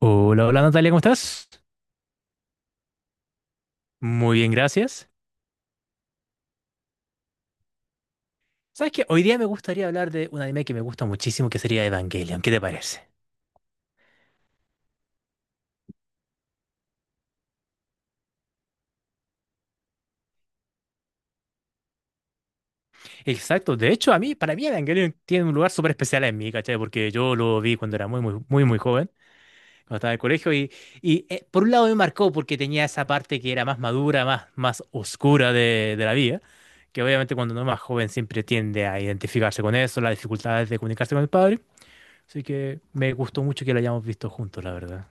Hola, hola Natalia, ¿cómo estás? Muy bien, gracias. ¿Sabes qué? Hoy día me gustaría hablar de un anime que me gusta muchísimo, que sería Evangelion. ¿Qué te parece? Exacto. De hecho, a mí, para mí Evangelion tiene un lugar súper especial en mí, ¿cachai? Porque yo lo vi cuando era muy, muy, muy, muy joven, cuando estaba en el colegio, y por un lado me marcó porque tenía esa parte que era más madura, más, más oscura de la vida, que obviamente cuando uno es más joven siempre tiende a identificarse con eso, las dificultades de comunicarse con el padre. Así que me gustó mucho que lo hayamos visto juntos, la verdad.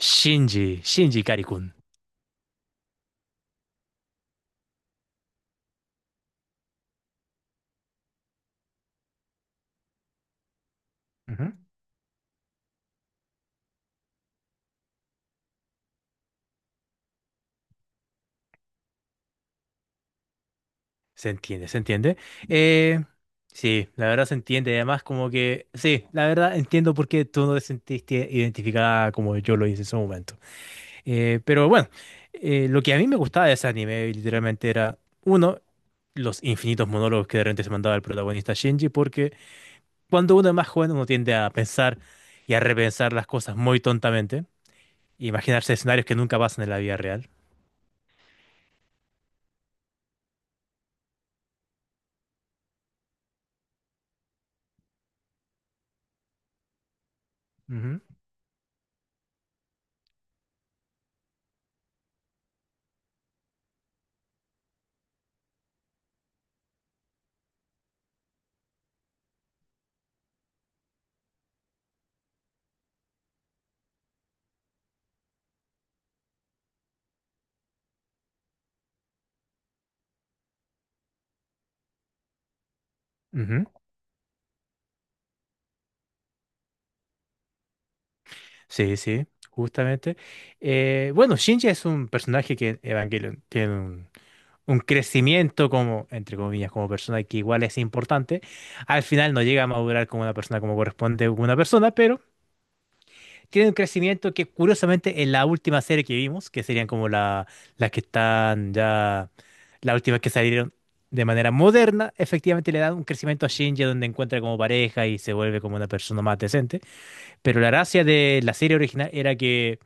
Shinji, Shinji Karikun. Ujú. Se entiende, se entiende. Eh, sí, la verdad se entiende. Además, como que, sí, la verdad entiendo por qué tú no te sentiste identificada como yo lo hice en su momento. Pero bueno, lo que a mí me gustaba de ese anime, literalmente, era, uno, los infinitos monólogos que de repente se mandaba el protagonista Shinji, porque cuando uno es más joven, uno tiende a pensar y a repensar las cosas muy tontamente, e imaginarse escenarios que nunca pasan en la vida real. Ujú, ujú. Sí, sí, justamente. Bueno, Shinji es un personaje que en Evangelion tiene un crecimiento como, entre comillas, como persona que igual es importante. Al final no llega a madurar como una persona como corresponde a una persona, pero tiene un crecimiento que curiosamente en la última serie que vimos, que serían como la, las que están ya, las últimas que salieron de manera moderna, efectivamente le dan un crecimiento a Shinji donde encuentra como pareja y se vuelve como una persona más decente. Pero la gracia de la serie original era que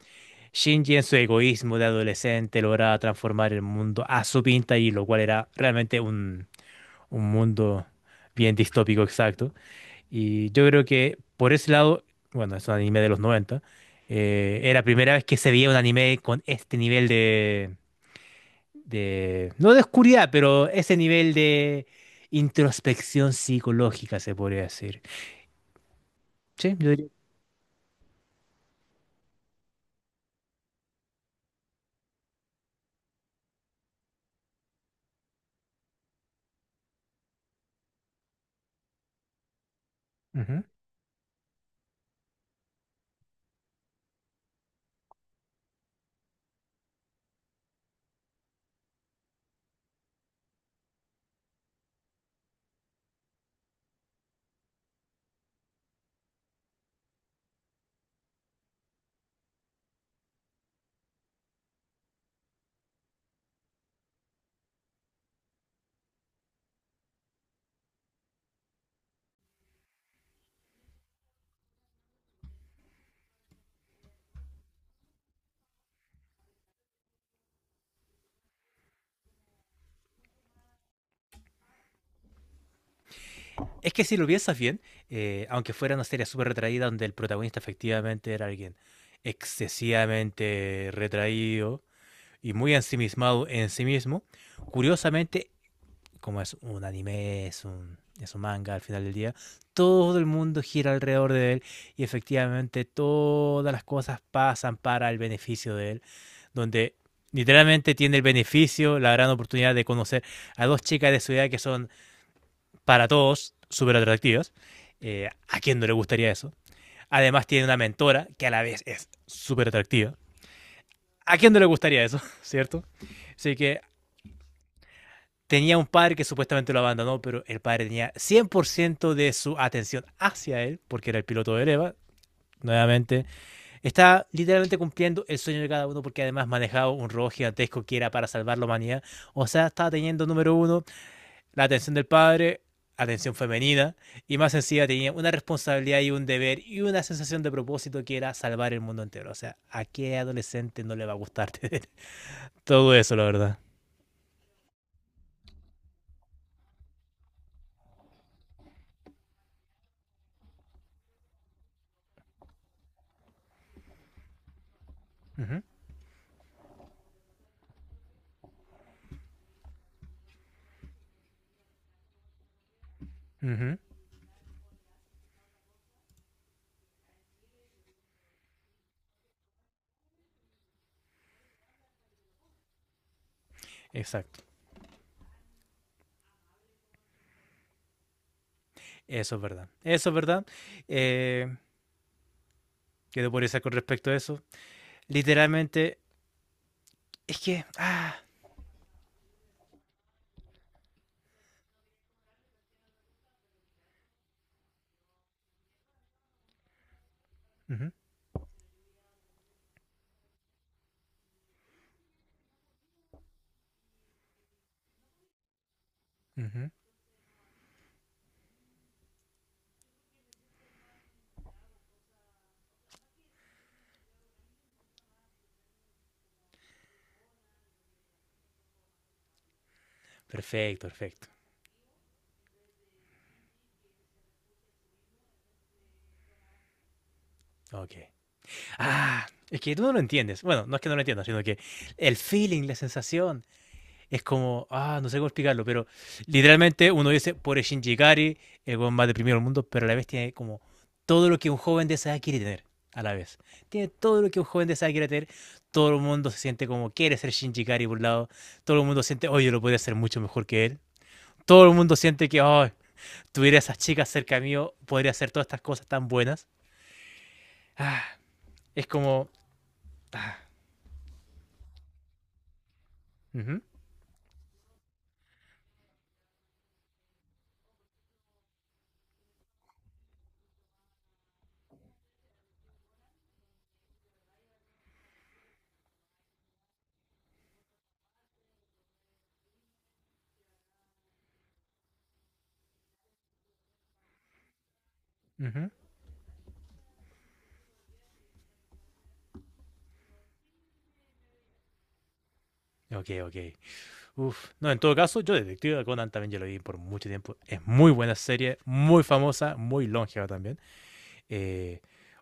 Shinji en su egoísmo de adolescente lograba transformar el mundo a su pinta y lo cual era realmente un mundo bien distópico exacto. Y yo creo que por ese lado, bueno, es un anime de los noventa, era la primera vez que se veía un anime con este nivel de, no de oscuridad, pero ese nivel de introspección psicológica se podría decir. Sí, yo diría. Es que si lo piensas bien, aunque fuera una serie súper retraída donde el protagonista efectivamente era alguien excesivamente retraído y muy ensimismado en sí mismo, curiosamente, como es un anime, es un manga al final del día, todo el mundo gira alrededor de él y efectivamente todas las cosas pasan para el beneficio de él, donde literalmente tiene el beneficio, la gran oportunidad de conocer a dos chicas de su edad que son para todos súper atractivas. ¿A quién no le gustaría eso? Además tiene una mentora que a la vez es súper atractiva. ¿A quién no le gustaría eso? ¿Cierto? Así que tenía un padre que supuestamente lo abandonó, pero el padre tenía 100% de su atención hacia él, porque era el piloto de Eva. Nuevamente, está literalmente cumpliendo el sueño de cada uno, porque además manejaba un robot gigantesco que era para salvar la humanidad. O sea, estaba teniendo número uno la atención del padre, atención femenina, y más sencilla tenía una responsabilidad y un deber y una sensación de propósito que era salvar el mundo entero. O sea, ¿a qué adolescente no le va a gustar tener todo eso, la verdad? Uh -huh, uh -huh. Exacto. Eso es verdad. Eso es verdad. Eh, ¿Qué te podría con respecto a eso? Literalmente, es que... Ah, uh -huh, perfecto, perfecto. Ok. Ah, es que tú no lo entiendes. Bueno, no es que no lo entiendas, sino que el feeling, la sensación, es como, ah, no sé cómo explicarlo, pero literalmente uno dice, pobre Shinji Ikari, el weón más deprimido del mundo, pero a la vez tiene como todo lo que un joven de esa edad quiere tener, a la vez. Tiene todo lo que un joven de esa edad quiere tener, todo el mundo se siente como quiere ser Shinji Ikari por un lado, todo el mundo siente, oye, lo podría hacer mucho mejor que él, todo el mundo siente que, oh, tuviera esas chicas cerca mío, podría hacer todas estas cosas tan buenas. Ah, es como, ah, ujú, ujú. Ok, ok. Uf. No, en todo caso, yo Detective Conan también ya lo vi por mucho tiempo. Es muy buena serie, muy famosa, muy longeva también. Eh,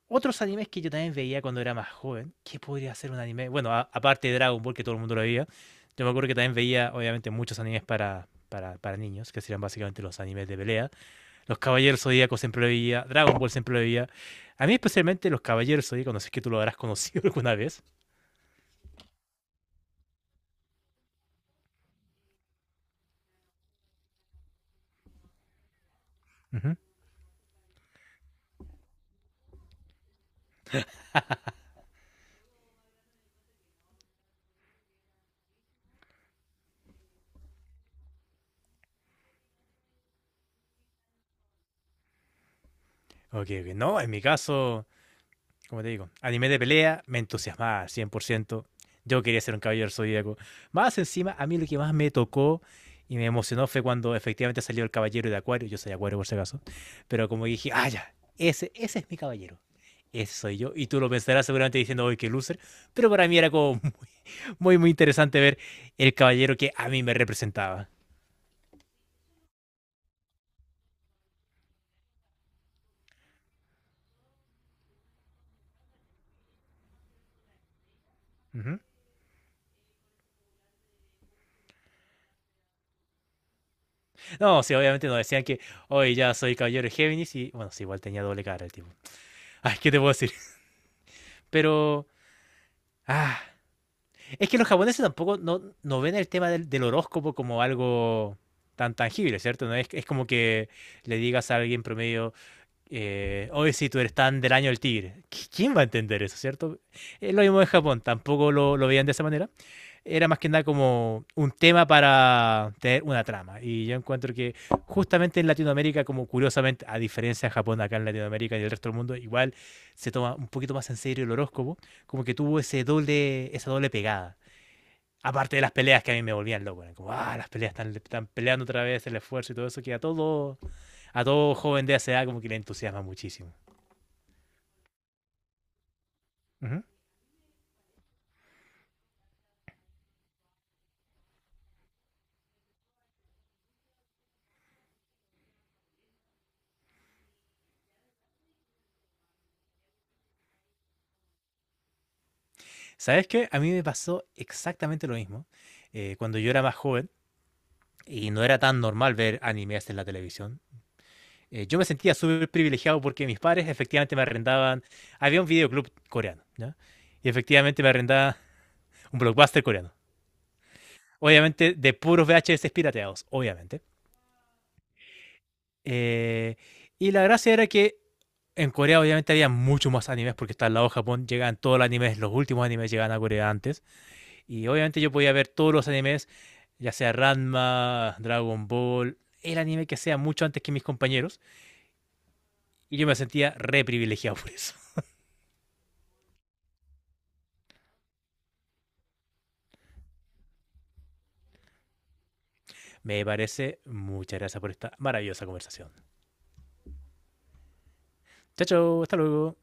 Otros animes que yo también veía cuando era más joven, ¿qué podría ser un anime? Bueno, aparte de Dragon Ball, que todo el mundo lo veía, yo me acuerdo que también veía, obviamente, muchos animes para niños, que serían básicamente los animes de pelea. Los Caballeros Zodíacos siempre lo veía, Dragon Ball siempre lo veía. A mí especialmente los Caballeros Zodíacos, no sé si es que tú lo habrás conocido alguna vez. Ujú. Ok, ok. No, en mi caso, como te digo, anime de pelea, me entusiasmaba al 100%. Yo quería ser un caballero zodíaco. Más encima, a mí lo que más me tocó y me emocionó fue cuando efectivamente salió el caballero de Acuario. Yo soy Acuario por si acaso. Pero como dije, ah, ya, ese es mi caballero. Ese soy yo. Y tú lo pensarás seguramente diciendo, hoy que loser. Pero para mí era como muy, muy interesante ver el caballero que a mí me representaba. Ujú. No, sí, obviamente nos decían que hoy ya soy caballero de Géminis y bueno, sí, igual tenía doble cara el tipo. Ay, ¿qué te puedo decir? Pero, ah, es que los japoneses tampoco no, no ven el tema del horóscopo como algo tan tangible, ¿cierto? No es, es como que le digas a alguien promedio, hoy si tú eres tan del año del tigre. ¿Quién va a entender eso, cierto? Es lo mismo en Japón, tampoco lo veían de esa manera. Era más que nada como un tema para tener una trama. Y yo encuentro que justamente en Latinoamérica, como curiosamente, a diferencia de Japón, acá en Latinoamérica y el resto del mundo, igual se toma un poquito más en serio el horóscopo, como que tuvo ese doble, esa doble pegada. Aparte de las peleas que a mí me volvían loco, eran como, ah, las peleas están, están peleando otra vez, el esfuerzo y todo eso, que a todo joven de esa edad como que le entusiasma muchísimo. Ujú. ¿Sabes qué? A mí me pasó exactamente lo mismo. Cuando yo era más joven y no era tan normal ver animes en la televisión, yo me sentía súper privilegiado porque mis padres efectivamente me arrendaban, había un videoclub coreano, ¿ya? Y efectivamente me arrendaba un blockbuster coreano. Obviamente de puros VHS pirateados, obviamente. Eh, y la gracia era que en Corea obviamente había mucho más animes porque está al lado de Japón, llegaban todos los animes, los últimos animes llegaban a Corea antes. Y obviamente yo podía ver todos los animes, ya sea Ranma, Dragon Ball, el anime que sea mucho antes que mis compañeros. Y yo me sentía re privilegiado por eso. Me parece, muchas gracias por esta maravillosa conversación. Chao, chao, hasta luego.